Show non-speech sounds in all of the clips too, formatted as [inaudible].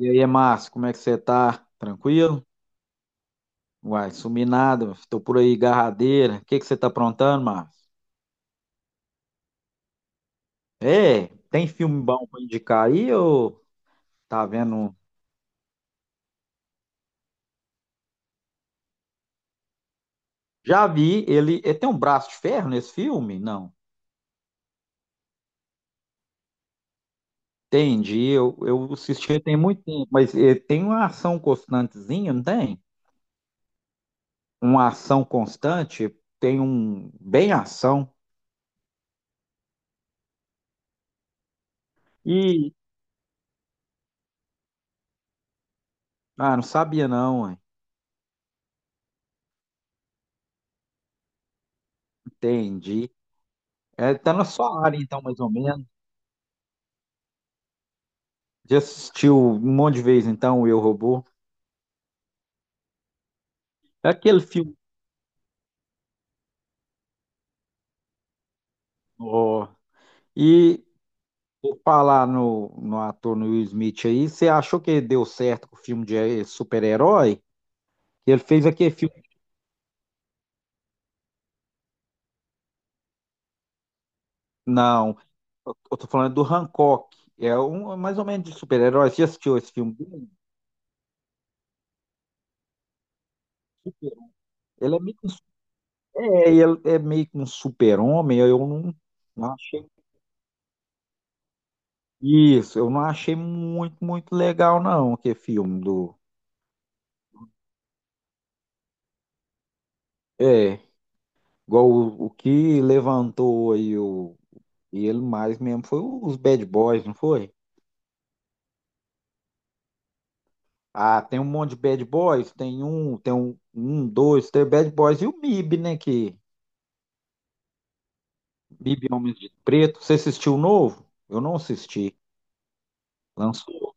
E aí, Márcio, como é que você tá? Tranquilo? Uai, sumi nada, tô por aí, garradeira. O que que você tá aprontando, Márcio? É, tem filme bom pra indicar aí ou tá vendo? Um? Já vi, ele tem um braço de ferro nesse filme? Não. Entendi, eu assisti tem muito tempo, mas ele tem uma ação constantezinha, não tem? Uma ação constante, tem um bem ação. E, ah, não sabia não, ué. Entendi. É, tá na sua área então, mais ou menos. Já assistiu um monte de vezes, então, o Eu, Robô? É aquele filme. Ó. E vou falar no, no ator no Will Smith aí, você achou que deu certo com o filme de super-herói? Ele fez aquele filme. Não, eu tô falando do Hancock. É um é mais ou menos de super-herói. Você já assistiu esse filme? Dele? Super- Ele é meio que um, su- é, ele é meio que um super-homem. Eu não, não achei. Isso, eu não achei muito legal, não, aquele filme do. É. Igual o que levantou aí o, ele mais mesmo foi os bad boys, não foi? Ah, tem um monte de bad boys, tem um, dois, tem bad boys e o MIB, né? Que MIB Homens de Preto. Você assistiu o novo? Eu não assisti. Lançou.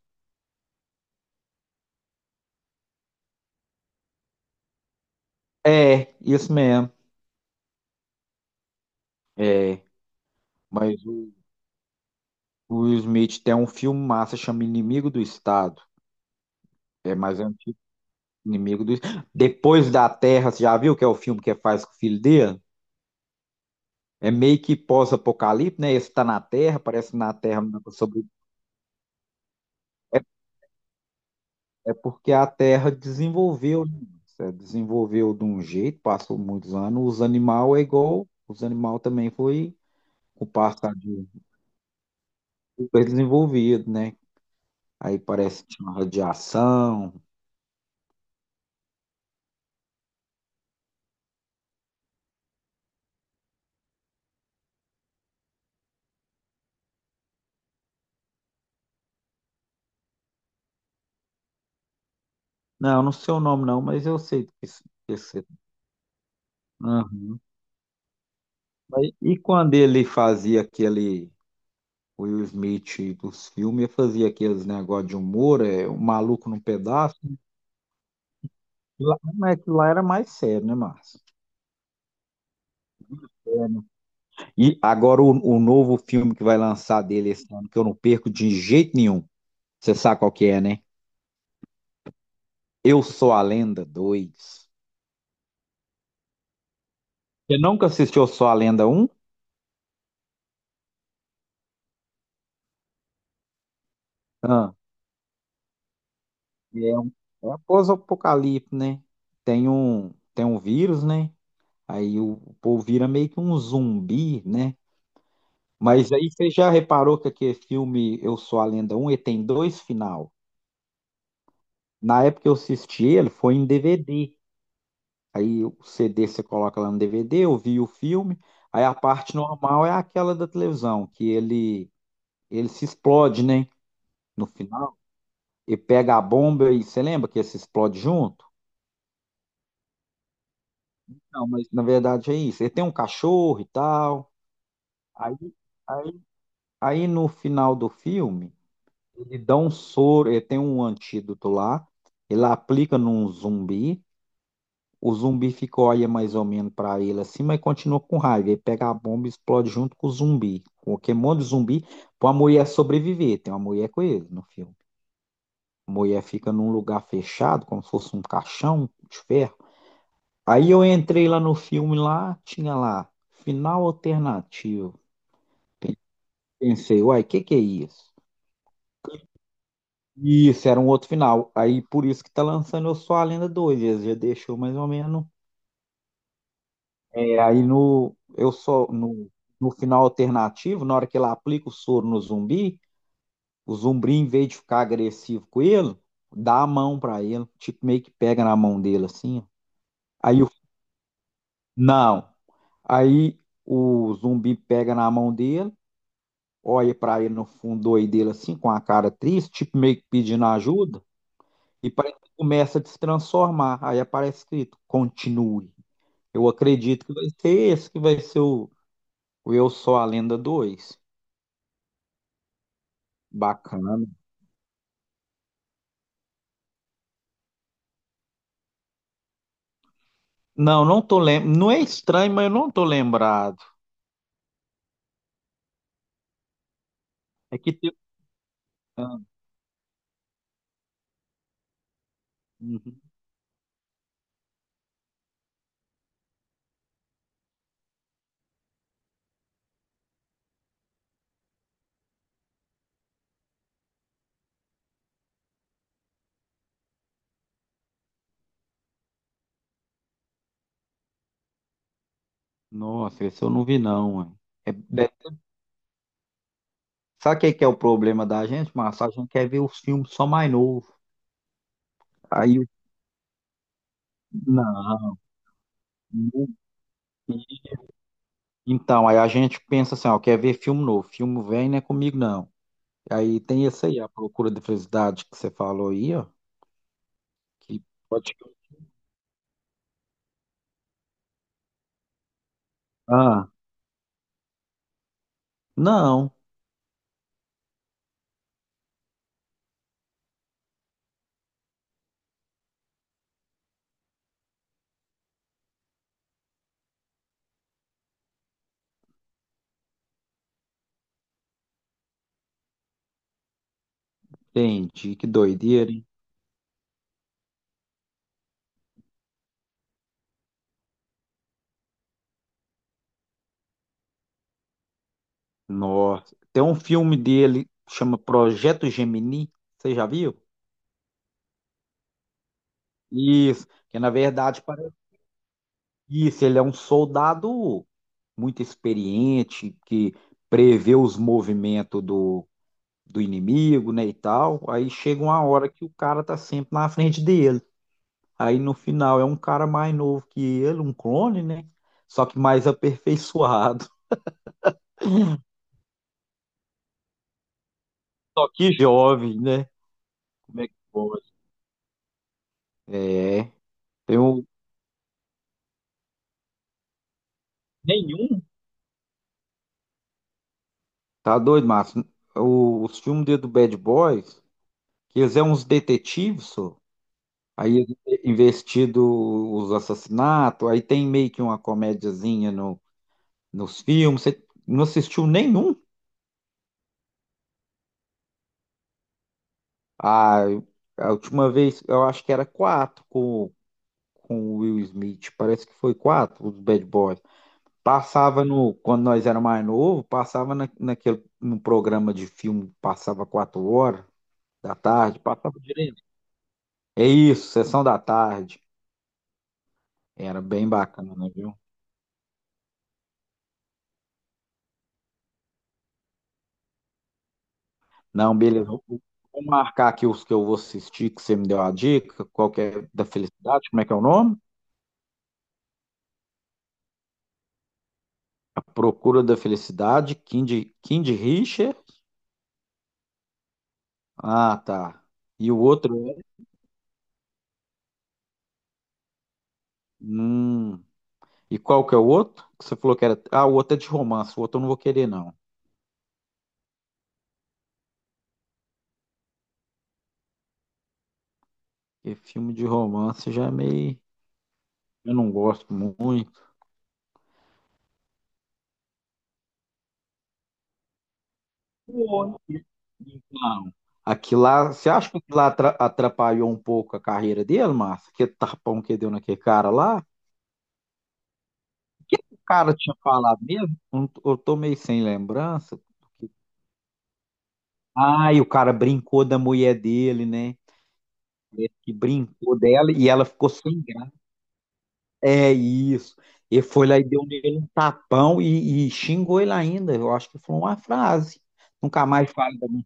É, isso mesmo. É, mas o Will Smith tem um filme massa, chama Inimigo do Estado. É mais antigo, Inimigo do Estado. Depois da Terra, você já viu que é o filme que faz com o filho dele? É meio que pós-apocalipse, né? Esse tá na Terra, parece que na Terra não dá pra sobreviver. É, é porque a Terra desenvolveu, né? Você desenvolveu de um jeito, passou muitos anos. Os animais é igual, os animais também foi com o passar de super desenvolvido, né? Aí parece que tinha uma radiação. Não, eu não sei o nome não, mas eu sei do que se- Aham. Mas e quando ele fazia aquele o Will Smith dos filmes, ele fazia aqueles negócios de humor, é, o maluco num pedaço. Lá, é que lá era mais sério, né, Márcio? É, né? E agora o novo filme que vai lançar dele esse ano, que eu não perco de jeito nenhum. Você sabe qual que é, né? Eu Sou a Lenda dois. Você nunca assistiu Eu Sou a Lenda um? Ah, é um é pós-apocalipse, né? Tem um vírus, né? Aí o povo vira meio que um zumbi, né? Mas aí você já reparou que aquele filme Eu Sou a Lenda um ele tem dois final. Na época que eu assisti ele, foi em DVD. Aí o CD você coloca lá no DVD, ouvir o filme. Aí a parte normal é aquela da televisão, que ele se explode, né? No final, e pega a bomba e você lembra que ele se explode junto? Não, mas na verdade é isso. Ele tem um cachorro e tal. Aí, aí, aí no final do filme, ele dá um soro, ele tem um antídoto lá, ele aplica num zumbi. O zumbi ficou olha mais ou menos pra ele assim, mas continua com raiva. Ele pega a bomba e explode junto com o zumbi. Porque um monte de zumbi, pra mulher sobreviver. Tem uma mulher com ele no filme. A mulher fica num lugar fechado, como se fosse um caixão de ferro. Aí eu entrei lá no filme, lá tinha lá, final alternativo. Pensei, uai, o que que é isso? Isso, era um outro final. Aí por isso que tá lançando Eu Sou a Lenda 2. Eles já deixou mais ou menos. É, aí no, eu só no, no final alternativo, na hora que ele aplica o soro no zumbi, o zumbi, em vez de ficar agressivo com ele, dá a mão pra ele, tipo, meio que pega na mão dele assim. Ó. Aí o, não. Aí o zumbi pega na mão dele, olha pra ele no fundo do olho dele assim, com a cara triste, tipo, meio que pedindo ajuda, e parece que começa a se transformar. Aí aparece escrito: continue. Eu acredito que vai ser esse que vai ser o Eu Sou a Lenda dois. Bacana. Não, não tô lembrando. Não é estranho, mas eu não tô lembrado. É que tem... ah, uhum. Nossa, esse eu não vi não, ué. É, de- Sabe o que que é o problema da gente, Márcio? A gente quer ver os filmes só mais novos. Aí, o- não. Não. Então, aí a gente pensa assim, ó, quer ver filme novo. Filme velho não é comigo, não. Aí tem esse aí, a Procura da Felicidade que você falou aí, ó. Que pode... ah, não. Entendi, que doideira, hein? Nossa. Tem um filme dele que chama Projeto Gemini. Você já viu? Isso. Que na verdade parece isso. Ele é um soldado muito experiente que prevê os movimentos do, do inimigo, né, e tal. Aí chega uma hora que o cara tá sempre na frente dele. Aí no final é um cara mais novo que ele, um clone, né? Só que mais aperfeiçoado. [laughs] Só que jovem, né? Como é que pode? É. Tem um. Nenhum? Tá doido, Márcio? O- Os filmes dele do Bad Boys, que eles é uns detetives, só. Aí eles é investido os assassinatos, aí tem meio que uma comédiazinha no, nos filmes. Você não assistiu nenhum? Ah, eu- a última vez eu acho que era quatro com o Will Smith. Parece que foi quatro, os Bad Boys. Passava no, quando nós era mais novo, passava na, naquele, no programa de filme, passava quatro horas da tarde, passava direto. É isso, sessão da tarde. Era bem bacana, viu? Não, beleza. Vou marcar aqui os que eu vou assistir, que você me deu a dica. Qual que é da felicidade? Como é que é o nome? A Procura da Felicidade, Kind Richard. Ah, tá. E o outro é. Hum. E qual que é o outro? Que você falou que era. Ah, o outro é de romance. O outro eu não vou querer, não. Porque filme de romance já é meio. Eu não gosto muito. Foi. Então, aquilo lá, você acha que aquilo lá atra- atrapalhou um pouco a carreira dele, Márcio? Aquele tapão que deu naquele cara lá? O que o cara tinha falado mesmo? Eu não tô eu tô meio sem lembrança. Ah, e o cara brincou da mulher dele, né? Parece que brincou dela e ela ficou sem graça. É isso. Ele foi lá e deu nele um tapão e xingou ele ainda. Eu acho que foi uma frase. Nunca mais fale da minha.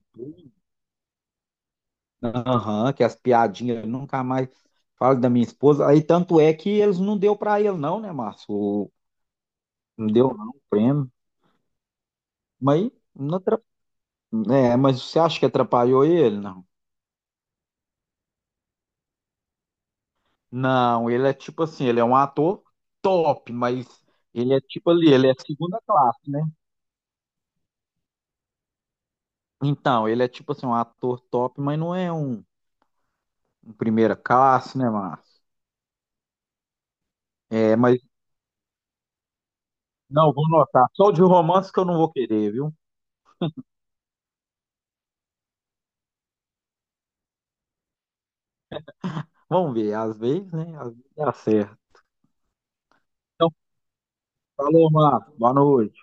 Aham, que as piadinhas nunca mais falam da minha esposa. Aí tanto é que eles não deu pra ele não, né, Márcio? O- não deu não o prêmio. Mas não atra- é, mas você acha que atrapalhou ele? Não. Não, ele é tipo assim, ele é um ator top, mas ele é tipo ali, ele é segunda classe, né? Então, ele é tipo assim, um ator top, mas não é um, um primeira classe, né, Márcio? É, mas não, vou notar. Só o de romance que eu não vou querer, viu? Vamos ver, às vezes, né? Às vezes dá certo. Então, falou, Marco. Boa noite.